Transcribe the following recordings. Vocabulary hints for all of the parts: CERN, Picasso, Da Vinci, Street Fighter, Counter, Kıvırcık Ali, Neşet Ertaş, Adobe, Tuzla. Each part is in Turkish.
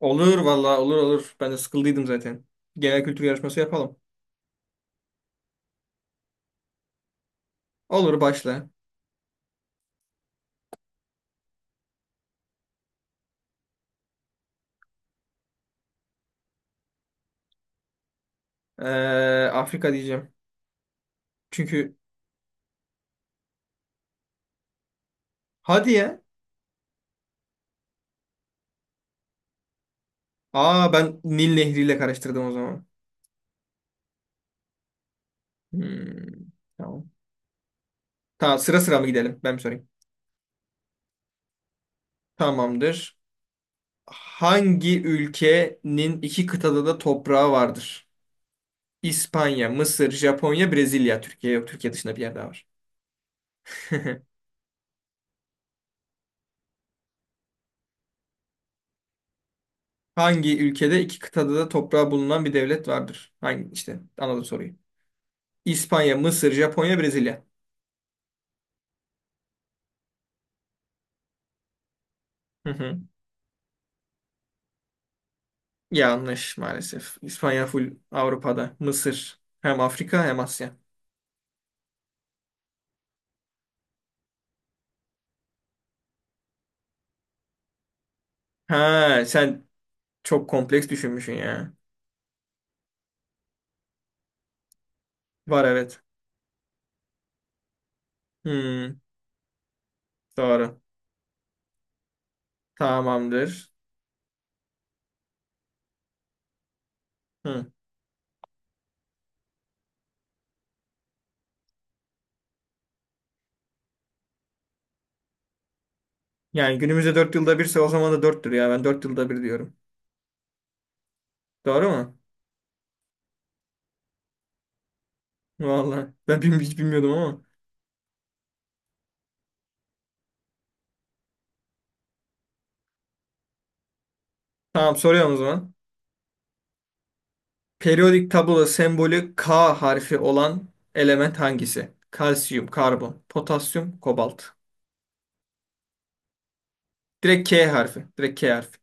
Olur valla olur olur. Ben de sıkıldıydım zaten. Genel kültür yarışması yapalım. Olur başla. Ee, Afrika diyeceğim. Çünkü hadi ya. Aa ben Nil Nehri ile karıştırdım o zaman. Hmm, tamam. Tamam sıra sıra mı gidelim? Ben mi sorayım? Tamamdır. Hangi ülkenin iki kıtada da toprağı vardır? İspanya, Mısır, Japonya, Brezilya. Türkiye yok. Türkiye dışında bir yer daha var. Hangi ülkede iki kıtada da toprağı bulunan bir devlet vardır? Hangi işte anladım soruyu. İspanya, Mısır, Japonya, Brezilya. Hı hı. Yanlış maalesef. İspanya full Avrupa'da. Mısır hem Afrika hem Asya. Ha sen çok kompleks düşünmüşsün ya. Var evet. Hmm, doğru. Tamamdır. Hı. Yani günümüzde dört yılda birse o zaman da 4'tür ya. Ben 4 yılda bir diyorum. Doğru mu? Vallahi ben hiç bilmiyordum ama. Tamam soruyorum o zaman. Periyodik tabloda sembolü K harfi olan element hangisi? Kalsiyum, karbon, potasyum, kobalt. Direkt K harfi. Direkt K harfi.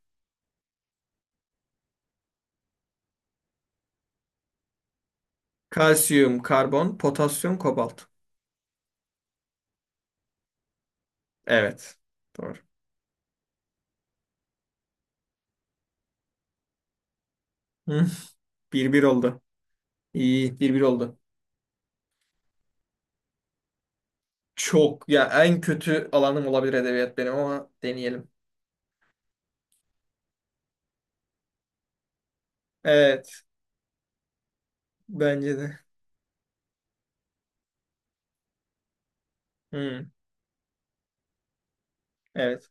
Kalsiyum, karbon, potasyum, kobalt. Evet. Doğru. Hı, 1-1 oldu. İyi. 1-1 oldu. Çok. Ya en kötü alanım olabilir edebiyat benim ama deneyelim. Evet. Bence de. Hı, evet.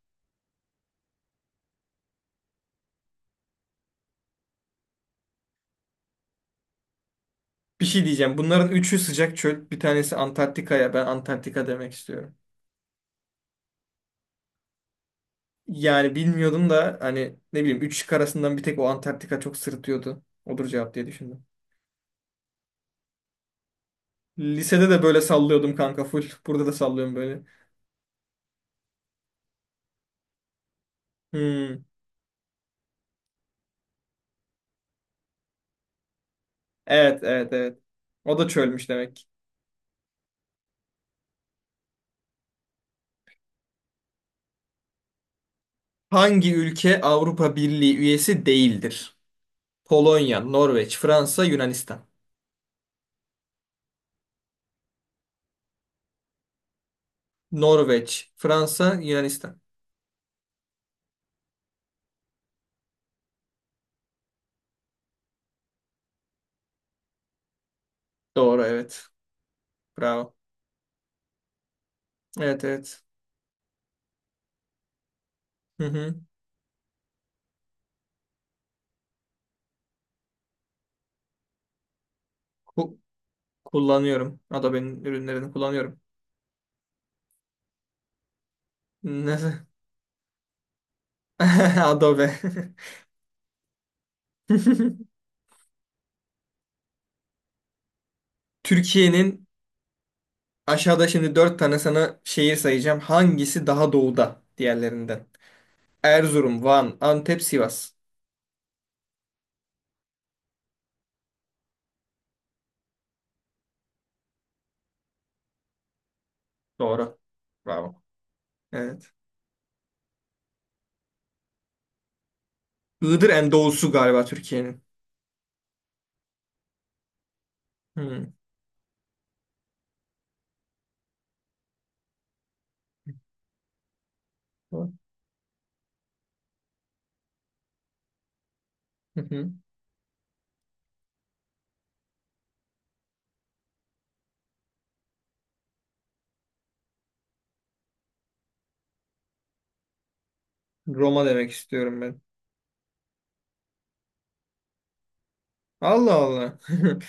Bir şey diyeceğim. Bunların üçü sıcak çöl. Bir tanesi Antarktika'ya. Ben Antarktika demek istiyorum. Yani bilmiyordum da hani ne bileyim üç şık arasından bir tek o Antarktika çok sırıtıyordu. Odur cevap diye düşündüm. Lisede de böyle sallıyordum kanka full. Burada da sallıyorum böyle. Hmm. Evet, evet, evet. O da çölmüş demek. Hangi ülke Avrupa Birliği üyesi değildir? Polonya, Norveç, Fransa, Yunanistan. Norveç, Fransa, Yunanistan. Doğru, evet. Bravo. Evet, evet. Hı hı. Ku- kullanıyorum. Adobe'nin ürünlerini kullanıyorum. Nasıl? Adobe. Türkiye'nin aşağıda şimdi dört tane sana şehir sayacağım. Hangisi daha doğuda diğerlerinden? Erzurum, Van, Antep, Sivas. Doğru. Bravo. Evet. Iğdır en doğusu galiba Türkiye'nin. Hmm. Hı hı. Roma demek istiyorum ben. Allah Allah.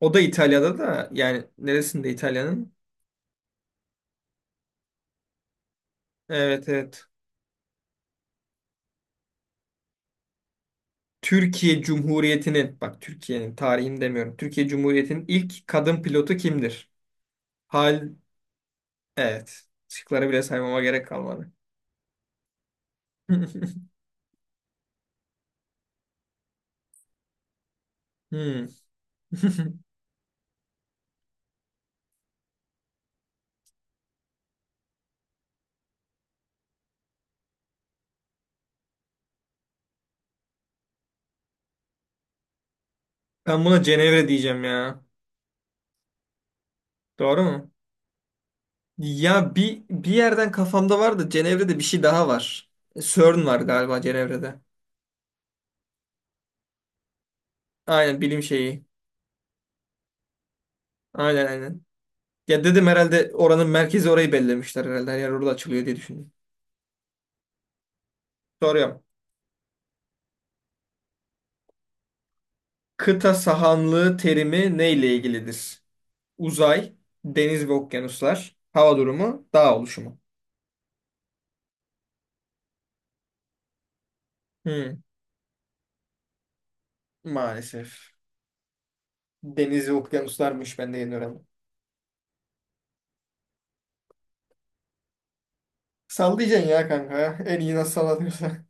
O da İtalya'da da yani neresinde İtalya'nın? Evet evet. Türkiye Cumhuriyeti'nin bak Türkiye'nin tarihini demiyorum. Türkiye Cumhuriyeti'nin ilk kadın pilotu kimdir? Hal evet. Şıkları bile saymama gerek kalmadı. Hmm. Ben buna Cenevre diyeceğim ya. Doğru mu? Ya bir yerden kafamda var da Cenevre'de bir şey daha var. E, CERN var galiba Cenevre'de. Aynen bilim şeyi. Aynen aynen. Ya dedim herhalde oranın merkezi orayı bellemişler herhalde. Her yer orada açılıyor diye düşündüm. Soruyorum. Kıta sahanlığı terimi neyle ilgilidir? Uzay, deniz ve okyanuslar, hava durumu, dağ oluşumu. Hmm, maalesef. Deniz ve okyanuslarmış ben de yeni öğrendim. Sallayacaksın ya kanka. En iyi nasıl sallanıyorsa.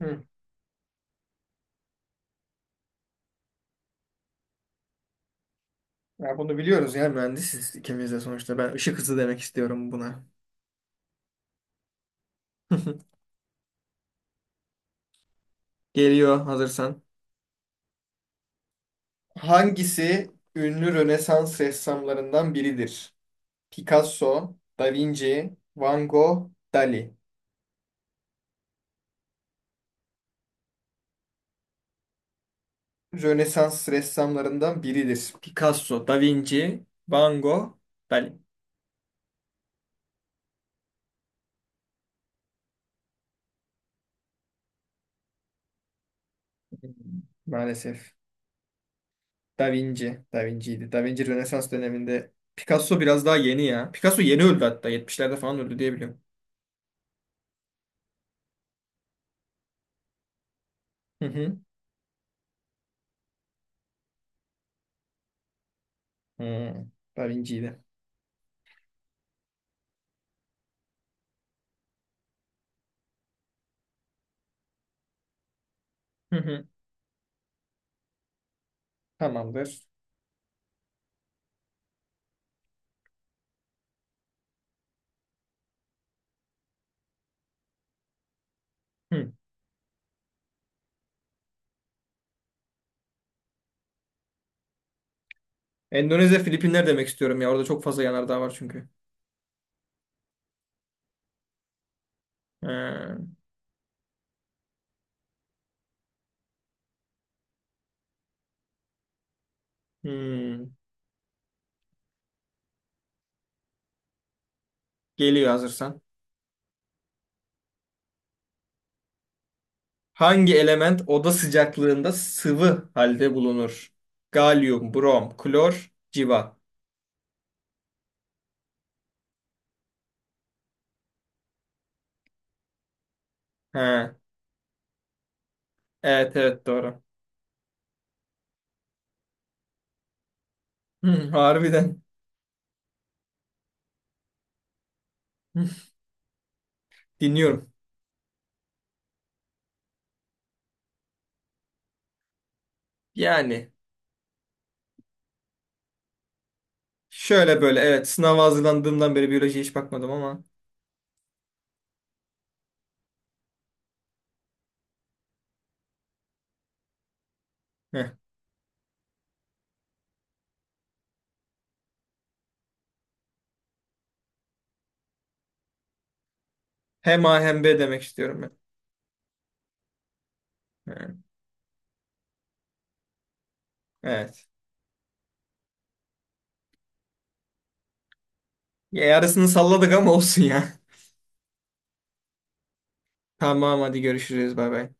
Ya bunu biliyoruz ya mühendisiz ikimiz de sonuçta. Ben ışık hızı demek istiyorum buna. Geliyor hazırsan. Hangisi ünlü Rönesans ressamlarından biridir? Picasso, Da Vinci, Van Gogh, Dali. Rönesans ressamlarından biridir. Picasso, Da Vinci, Van Gogh, Dali. Maalesef. Da Vinci. Da Vinci'ydi. Da Vinci Rönesans döneminde. Picasso biraz daha yeni ya. Picasso yeni öldü hatta. Yetmişlerde falan öldü diye biliyorum. Hı hı. Hı. Da Vinci'ydi. Hı hı. Tamamdır. Hı. Endonezya, Filipinler demek istiyorum ya. Orada çok fazla yanardağ var çünkü. Ee, hmm. Geliyor hazırsan. Hangi element oda sıcaklığında sıvı halde bulunur? Galyum, brom, klor, civa. Ha. Evet evet doğru. Hı, harbiden. Hı. Dinliyorum. Yani şöyle böyle evet sınava hazırlandığımdan beri biyolojiye hiç bakmadım ama. Heh. Hem A hem B demek istiyorum ben. Hı. Evet. Ya, yarısını salladık ama olsun ya. Tamam hadi görüşürüz bay bay.